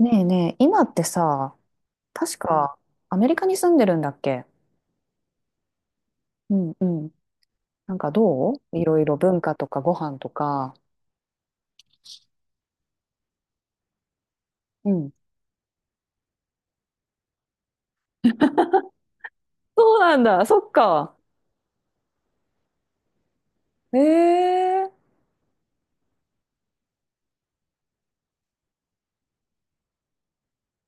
ねえねえ、今ってさ、確かアメリカに住んでるんだっけ？うんうん。なんかどういろいろ文化とかご飯とか。うん。そうなんだ、そっか。ええ、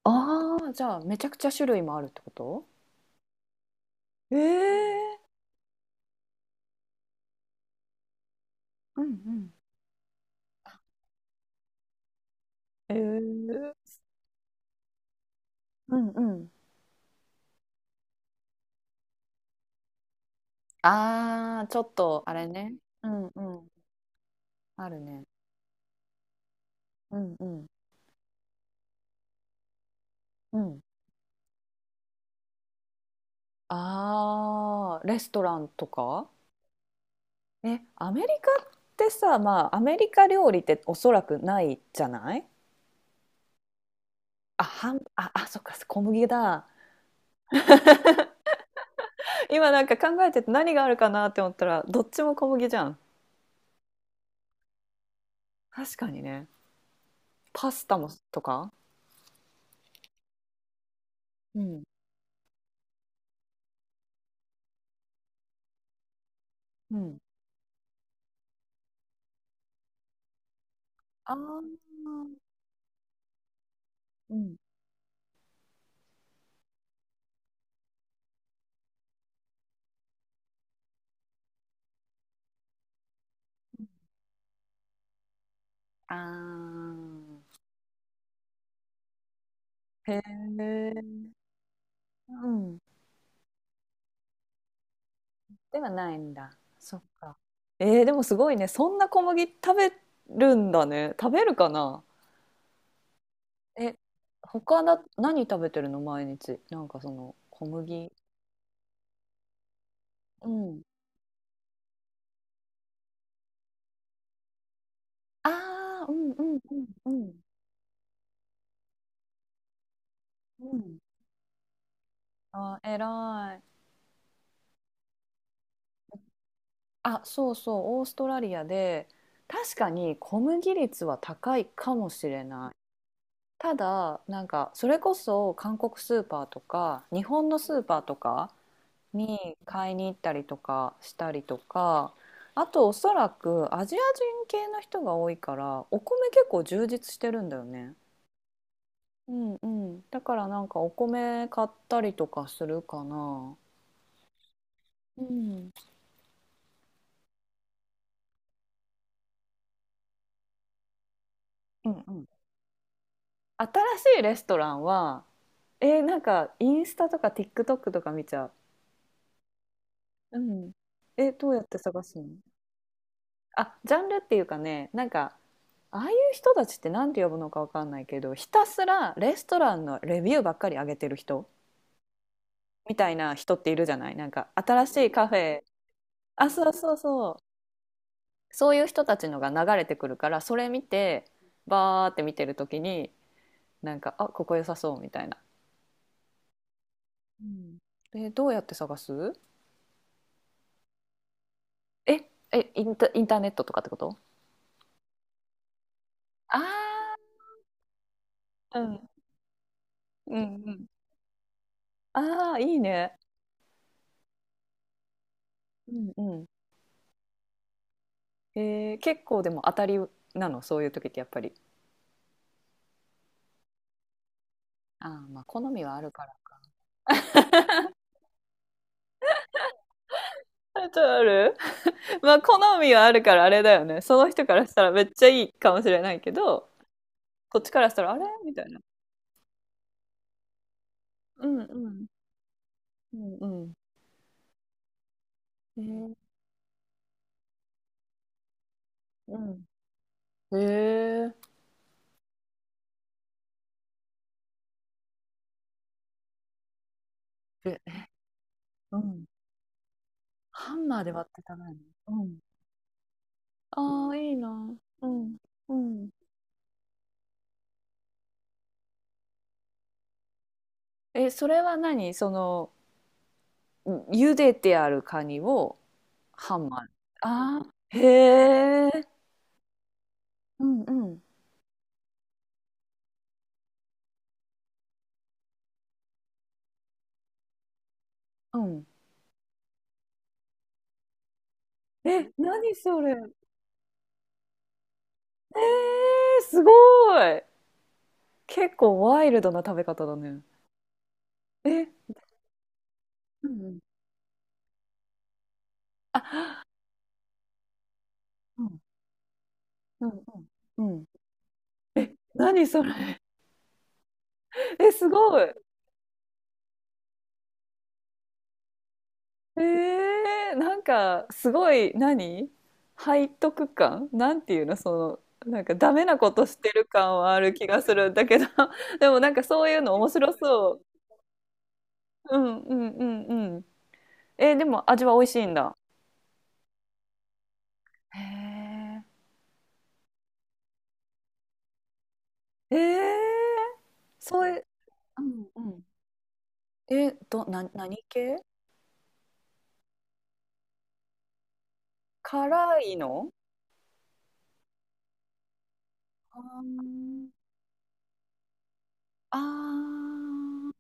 ああー、じゃあめちゃくちゃ種類もあるってこと？ええ、うんうん。えー、うんうん。ああ、ちょっと、あれね。うんうん。あるね。うんうん。うん。ああ、レストランとか？え、アメリカってさ、まあ、アメリカ料理っておそらくないじゃない？あ、あ、そっか、小麦だ。今なんか考えてて何があるかなって思ったら、どっちも小麦じゃん。確かにね。パスタもとか？うん。うん。ああ、うん。ああ。へえ。うん。ではないんだ。そっか。えー、でもすごいね。そんな小麦食べるんだね。食べるかな？え、何食べてるの毎日。なんかその、小麦。うん。ああ、うんうんうんうんうん。あー、偉い。あ、そうそう、オーストラリアで、確かに小麦率は高いかもしれない。ただ、なんか、それこそ韓国スーパーとか、日本のスーパーとかに買いに行ったりとかしたりとか、あとおそらくアジア人系の人が多いから、お米結構充実してるんだよね。うんうん。だからなんかお米買ったりとかするかな。うん。うんうん。新しいレストランは、なんかインスタとか TikTok とか見ちゃう。うん。え、どうやって探すの？あ、ジャンルっていうかね、なんか、ああいう人たちって何て呼ぶのかわかんないけど、ひたすらレストランのレビューばっかり上げてる人みたいな人っているじゃない、なんか、新しいカフェ。あ、そうそうそう。そういう人たちのが流れてくるからそれ見てバーって見てる時になんか、あ、ここ良さそうみたいな。うん、でどうやって探す？ええ、インターネットとかってこと？ああー、うんうんうん、ああーいいね。うんうん、えー結構でも当たりなの、そういう時ってやっぱり。ああ、まあ好みはあるから。あとある。 まあ好みはあるからあれだよね、その人からしたらめっちゃいいかもしれないけどこっちからしたらあれみたいな。うんうんうんうん、えー、うん。えー、え、うん。ハンマーで割って食べるの？うん。ああ、いいな。うん。うん。え、それは何、うん、茹でてあるカニをハンマー。ああ、へえ。うんうん。うん。え、何それ。えー、すごい。結構ワイルドな食べ方だね。え、うんうん。あ、うんうんうん。うん。何それ。え、すごい。えー、なんかすごい、背徳感なんていうの、そのなんかダメなことしてる感はある気がするんだけど、 でもなんかそういうの面白そう。うんうんうんうん。えー、でも味は美味しいんだ。へえ。えー、そういう、うんうん。えー、何系？辛いの？あーあー。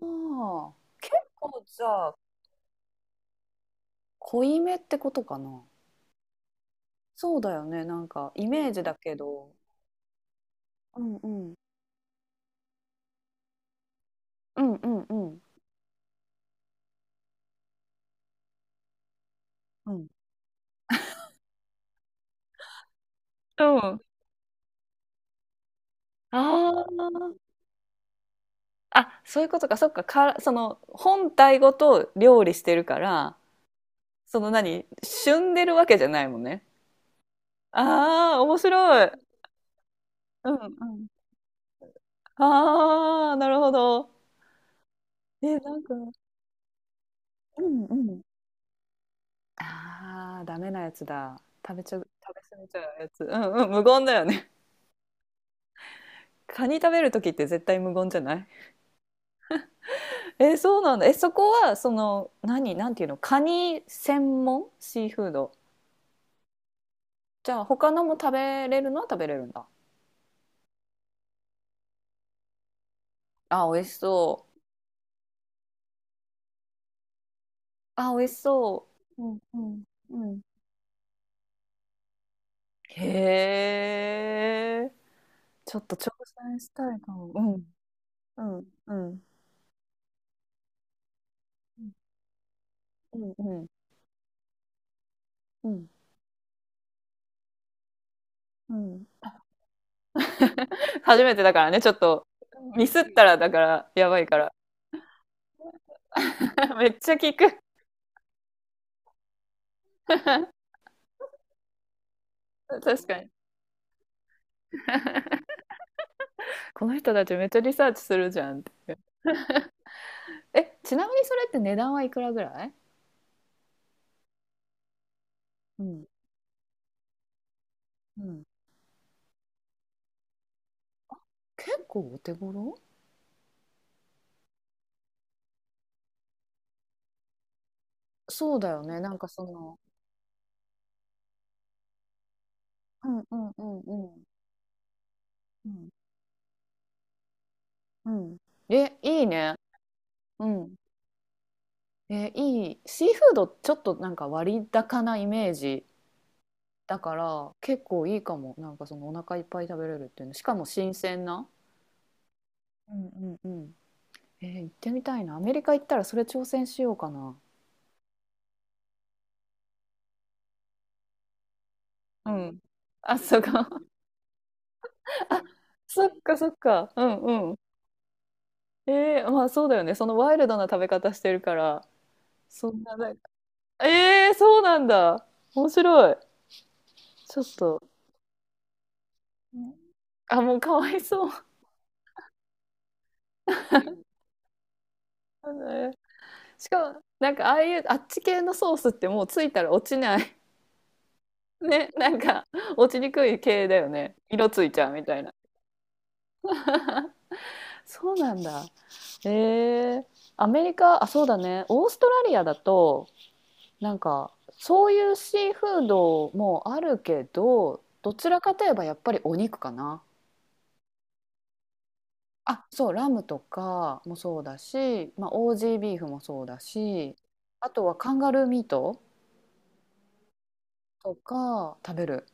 あー、結構じゃあ濃いめってことかな。そうだよね。なんかイメージだけど。うんうん。うんうんうん。うん。ああ。あ、そういうことか。そっか。その本体ごと料理してるから、その、旬でるわけじゃないもんね。ああ、面白い。うんうん。ああ、なるほど。え、なんか、うんうん。ああ、ダメなやつだ。食べちゃう、食べ過ぎちゃうやつ。うんうん、無言だよね。カニ食べるときって絶対無言じゃない？えー、そうなんだ、え、そこはその、なんていうの、カニ専門シーフード？じゃあ他のも食べれるのは食べれるんだ？あ、美味しそう、あ、美味しそう、うんうんうん。へえ、ちょっと挑戦したいかも、うん、うんうんうんうんうんうんうん、初めてだからねちょっと、ミスったらだからやばいから。 めっちゃ聞く。確かに、この人たちめっちゃリサーチするじゃんって。え、ちなみにそれって値段はいくらぐらい？うんうん、結構お手頃。そうだよね。なんかその、うんうんうんうんうんうん。え、いいね。うん。え、いい。シーフードちょっとなんか割高なイメージだから結構いいかも。なんかそのお腹いっぱい食べれるっていうの。しかも新鮮な。うんうんうん、えー行ってみたいな。アメリカ行ったらそれ挑戦しようかな。うん、あ、そうか。あ、そっかそっか。うんうん、えー、まあそうだよね。そのワイルドな食べ方してるから、そんな、なんか、えー、そうなんだ。面白い。ちょっと、あ、もうかわいそう。えー、しかも、なんかああいうあっち系のソースってもうついたら落ちない。ね、なんか落ちにくい系だよね。色ついちゃうみたいな。そうなんだ。えー、アメリカ、あ、そうだね。オーストラリアだと、なんかそういうシーフードもあるけど、どちらかといえばやっぱりお肉かな。あ、そう、ラムとかもそうだし、まあ、オージービーフもそうだし、あとはカンガルーミートとか食べる。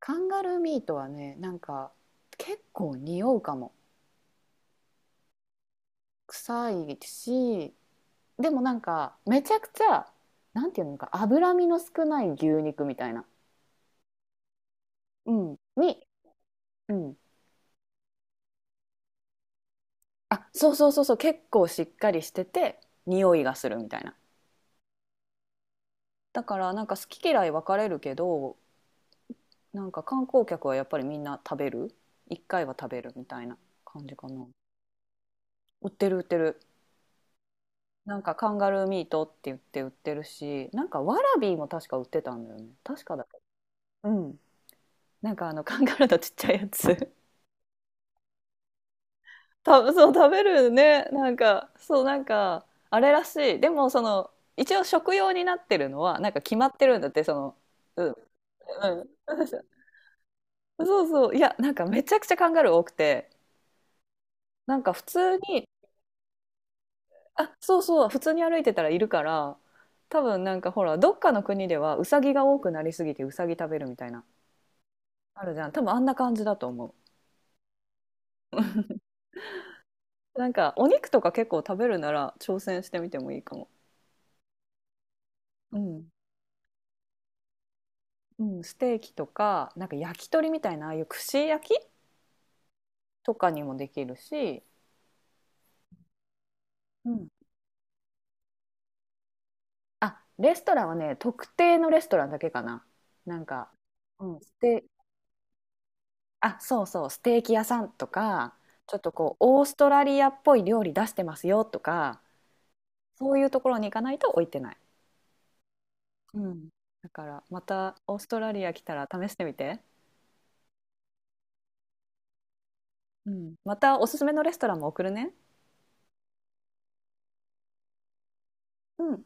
カンガルーミートはね、なんか結構匂うかも。臭いし、でもなんかめちゃくちゃ、なんていうのか、脂身の少ない牛肉みたいな。うん。に、うん。あ、そうそうそうそう、結構しっかりしてて、匂いがするみたいな。だからなんか好き嫌い分かれるけど、なんか観光客はやっぱりみんな食べる、一回は食べるみたいな感じかな。売ってる売ってる、なんかカンガルーミートって言って売ってるし、なんかワラビーも確か売ってたんだよね、確かだけど。うん、なんかあのカンガルーのちっちゃいやつ。 そう食べるね、なんかそう、なんかあれらしい、でもその、一応食用になってるのはなんか決まってるんだって、うんうん。 そうそう、いや、なんかめちゃくちゃカンガルー多くてなんか普通に、あ、そうそう、普通に歩いてたらいるから、多分なんかほら、どっかの国ではウサギが多くなりすぎてウサギ食べるみたいな、あるじゃん。多分あんな感じだと思う。なんかお肉とか結構食べるなら挑戦してみてもいいかも。うん。うん、ステーキとか、なんか焼き鳥みたいな、ああいう串焼きとかにもできるし、うん。あ、レストランはね、特定のレストランだけかな。なんか、うん、あ、そうそう、ステーキ屋さんとか、ちょっとこう、オーストラリアっぽい料理出してますよとか、そういうところに行かないと置いてない。うん。だから、またオーストラリア来たら試してみて。うん。またおすすめのレストランも送るね。うん。